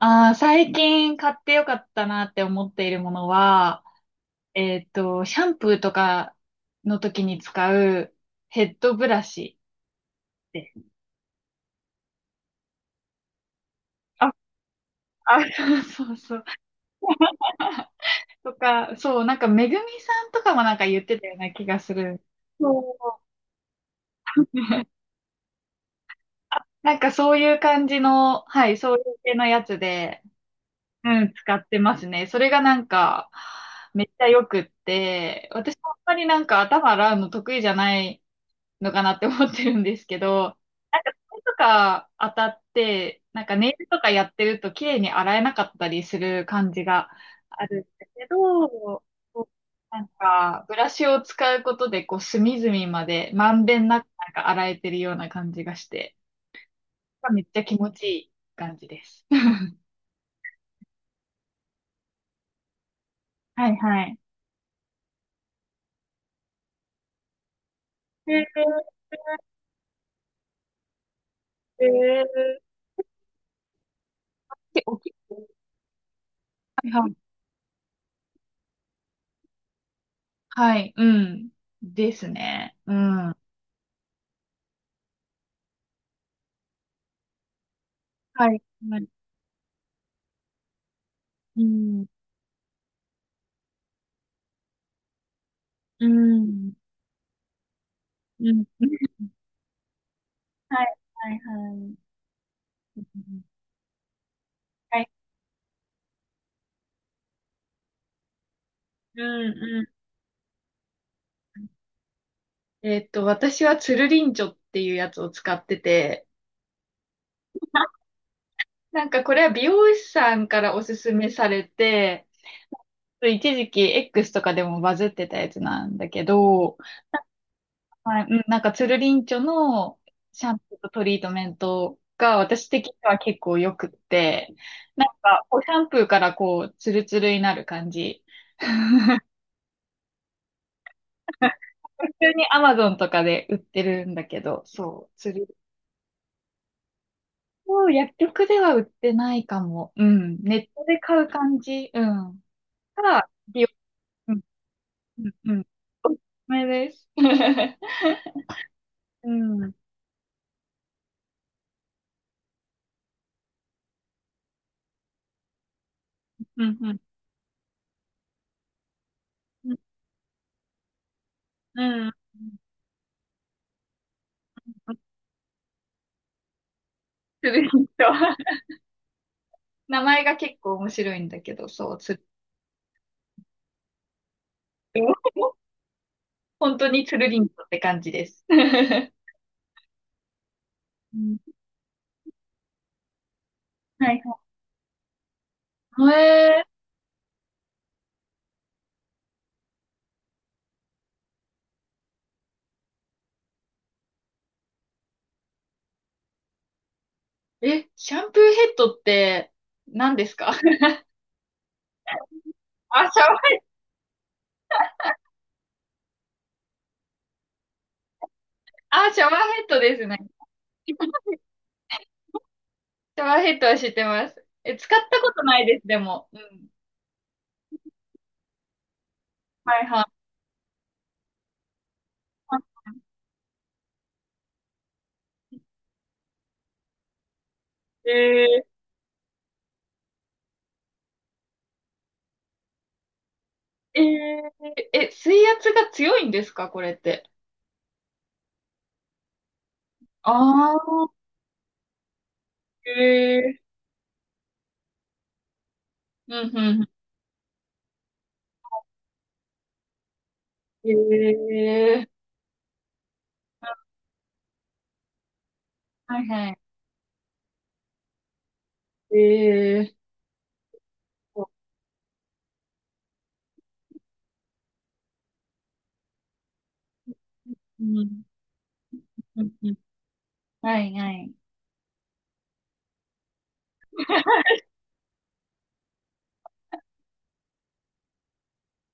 ああ、最近買ってよかったなって思っているものは、シャンプーとかの時に使うヘッドブラシです。あ、あ、そうそうとか、そう、なんかめぐみさんとかもなんか言ってたような気がする。そう。なんかそういう感じの、はい、そういう系のやつで、うん、使ってますね。それがなんか、めっちゃ良くって、私もあんまりなんか頭洗うの得意じゃないのかなって思ってるんですけど、なんか、手とか当たって、なんかネイルとかやってると綺麗に洗えなかったりする感じがあるんだけど、なんか、ブラシを使うことで、こう、隅々まで、まんべんなく、なんか洗えてるような感じがして、めっちゃ気持ちいい感じです。はいはい。へえー、へーでおきはいはい。はい、うん。ですね。うん。はい。はいうんうん。うん。はい、はい、はい。うんはい。うん、うん。私はつるりんちょっていうやつを使ってて、なんかこれは美容師さんからおすすめされて、一時期 X とかでもバズってたやつなんだけど、はい、うん、なんかつるりんちょのシャンプーとトリートメントが私的には結構良くって、なんかこうシャンプーからこうツルツルになる感じ。普通にアマゾンとかで売ってるんだけど、そう、釣り。そう薬局では売ってないかも。うん。ネットで買う感じ。うん。ただ、美容うん、うん、うん。おすすめです。うん。うん、うん。うん、うん。つるりんと。名前が結構面白いんだけど、そう、つるりんと。本当につるりんとって感じです。うんはいはい。へええ、シャンプーヘッドって何ですか？ あ、シャンあ、シャワーヘッドですね。シャワーヘッドは知ってます。え、使ったことないです、でも。うん。はいはい。水圧が強いんですか、これって。ああ、えー、うん、うん、うんえー、はいはい。えー、そううん、うん、うんはいはい。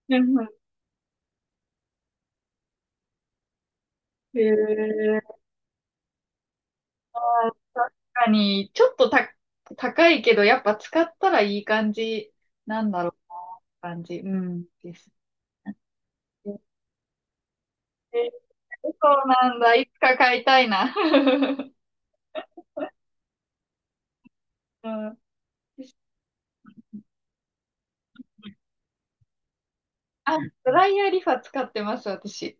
うん、うん えあー確かに、ちょっとた、高いけど、やっぱ使ったらいい感じなんだろうな、感じ。うん、ですね。えーそうなんだ。いつか買いたいな。うん、あ、ドライヤーリファ使ってます、私。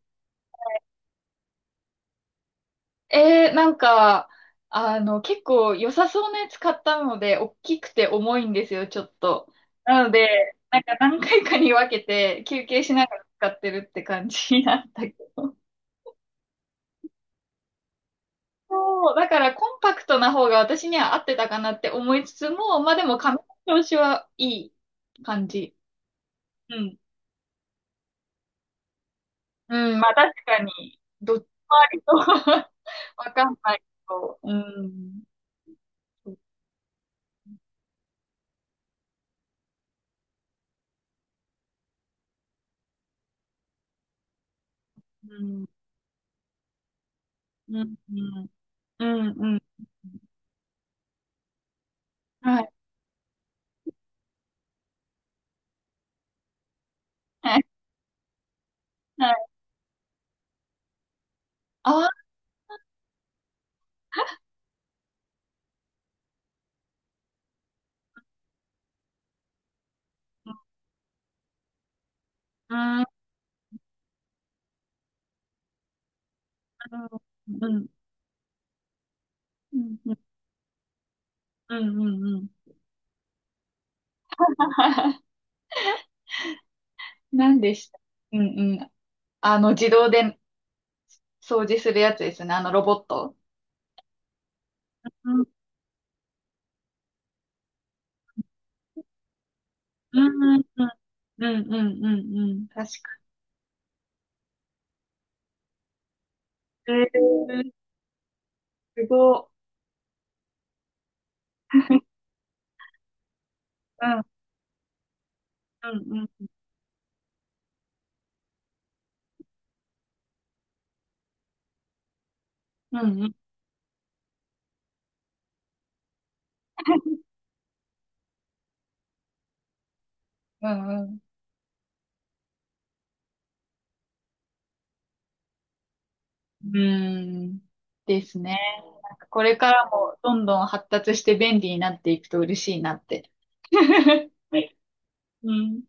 なんか、あの、結構良さそうなやつ買ったので、大きくて重いんですよ、ちょっと。なので、なんか何回かに分けて休憩しながら使ってるって感じなんだけど。そう、だからコンパクトな方が私には合ってたかなって思いつつも、まあでも髪の調子はいい感じ。うん。うん、まあ確かに、どっちもありと わかんないけど。うん。ううん。うん。うん。うん。うんはい。はい。はい。ああ。うん。うん。うん。うん。うん。うんうん何でしたうんうん。あの、自動で掃除するやつですね。あのロボット。うん、うん、うん、うん、うんうん。確かに。すごい。うん、うん、うん、うん、うん、うん。うんですね。なんかこれからもどんどん発達して便利になっていくと嬉しいなって。うん、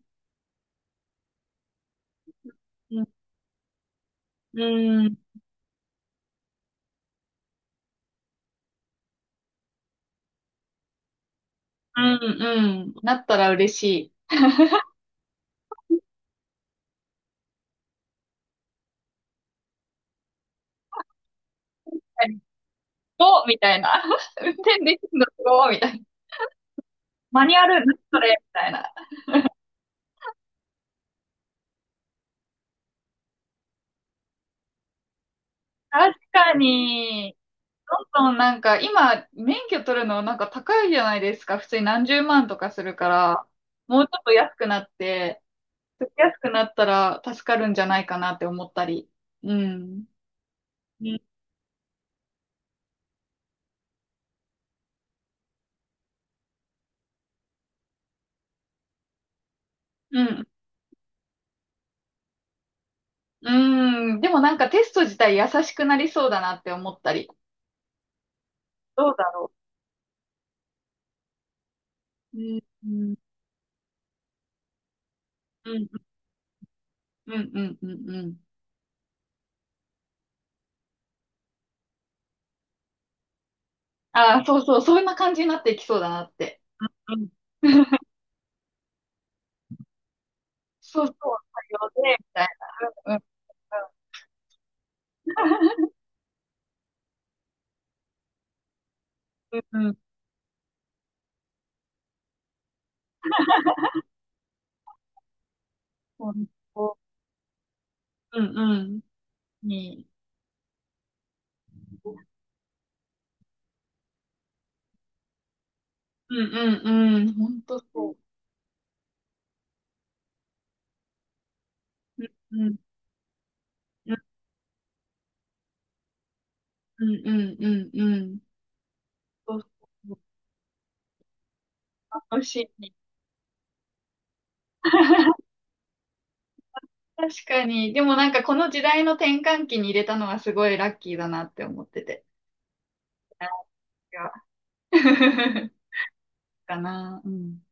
うん、うん、うん、うんなったら嬉しい。おみたいな。運転できるのすごいみたいな。マニュアル、何それみたいな。確かに。どんどんなんか今免許取るのなんか高いじゃないですか。普通に何十万とかするから、もうちょっと安くなって、安くなったら助かるんじゃないかなって思ったり。うん。うん。うん。うんでもなんかテスト自体優しくなりそうだなって思ったり。どうだろう。うん。うん。うん。うん。うん。うん。うんああ、そうそう。そんな感じになっていきそうだなって。うん。うんそうそう。作業で、みたいな。うん。うん。うん。うん。うん。うん。うん。うんねえうんうんうん。ほんとそう。うんうんうんうんうんうん。そうそう。楽しいね。確かに。でもなんかこの時代の転換期に入れたのはすごいラッキーだなって思ってて。いや かな。うん。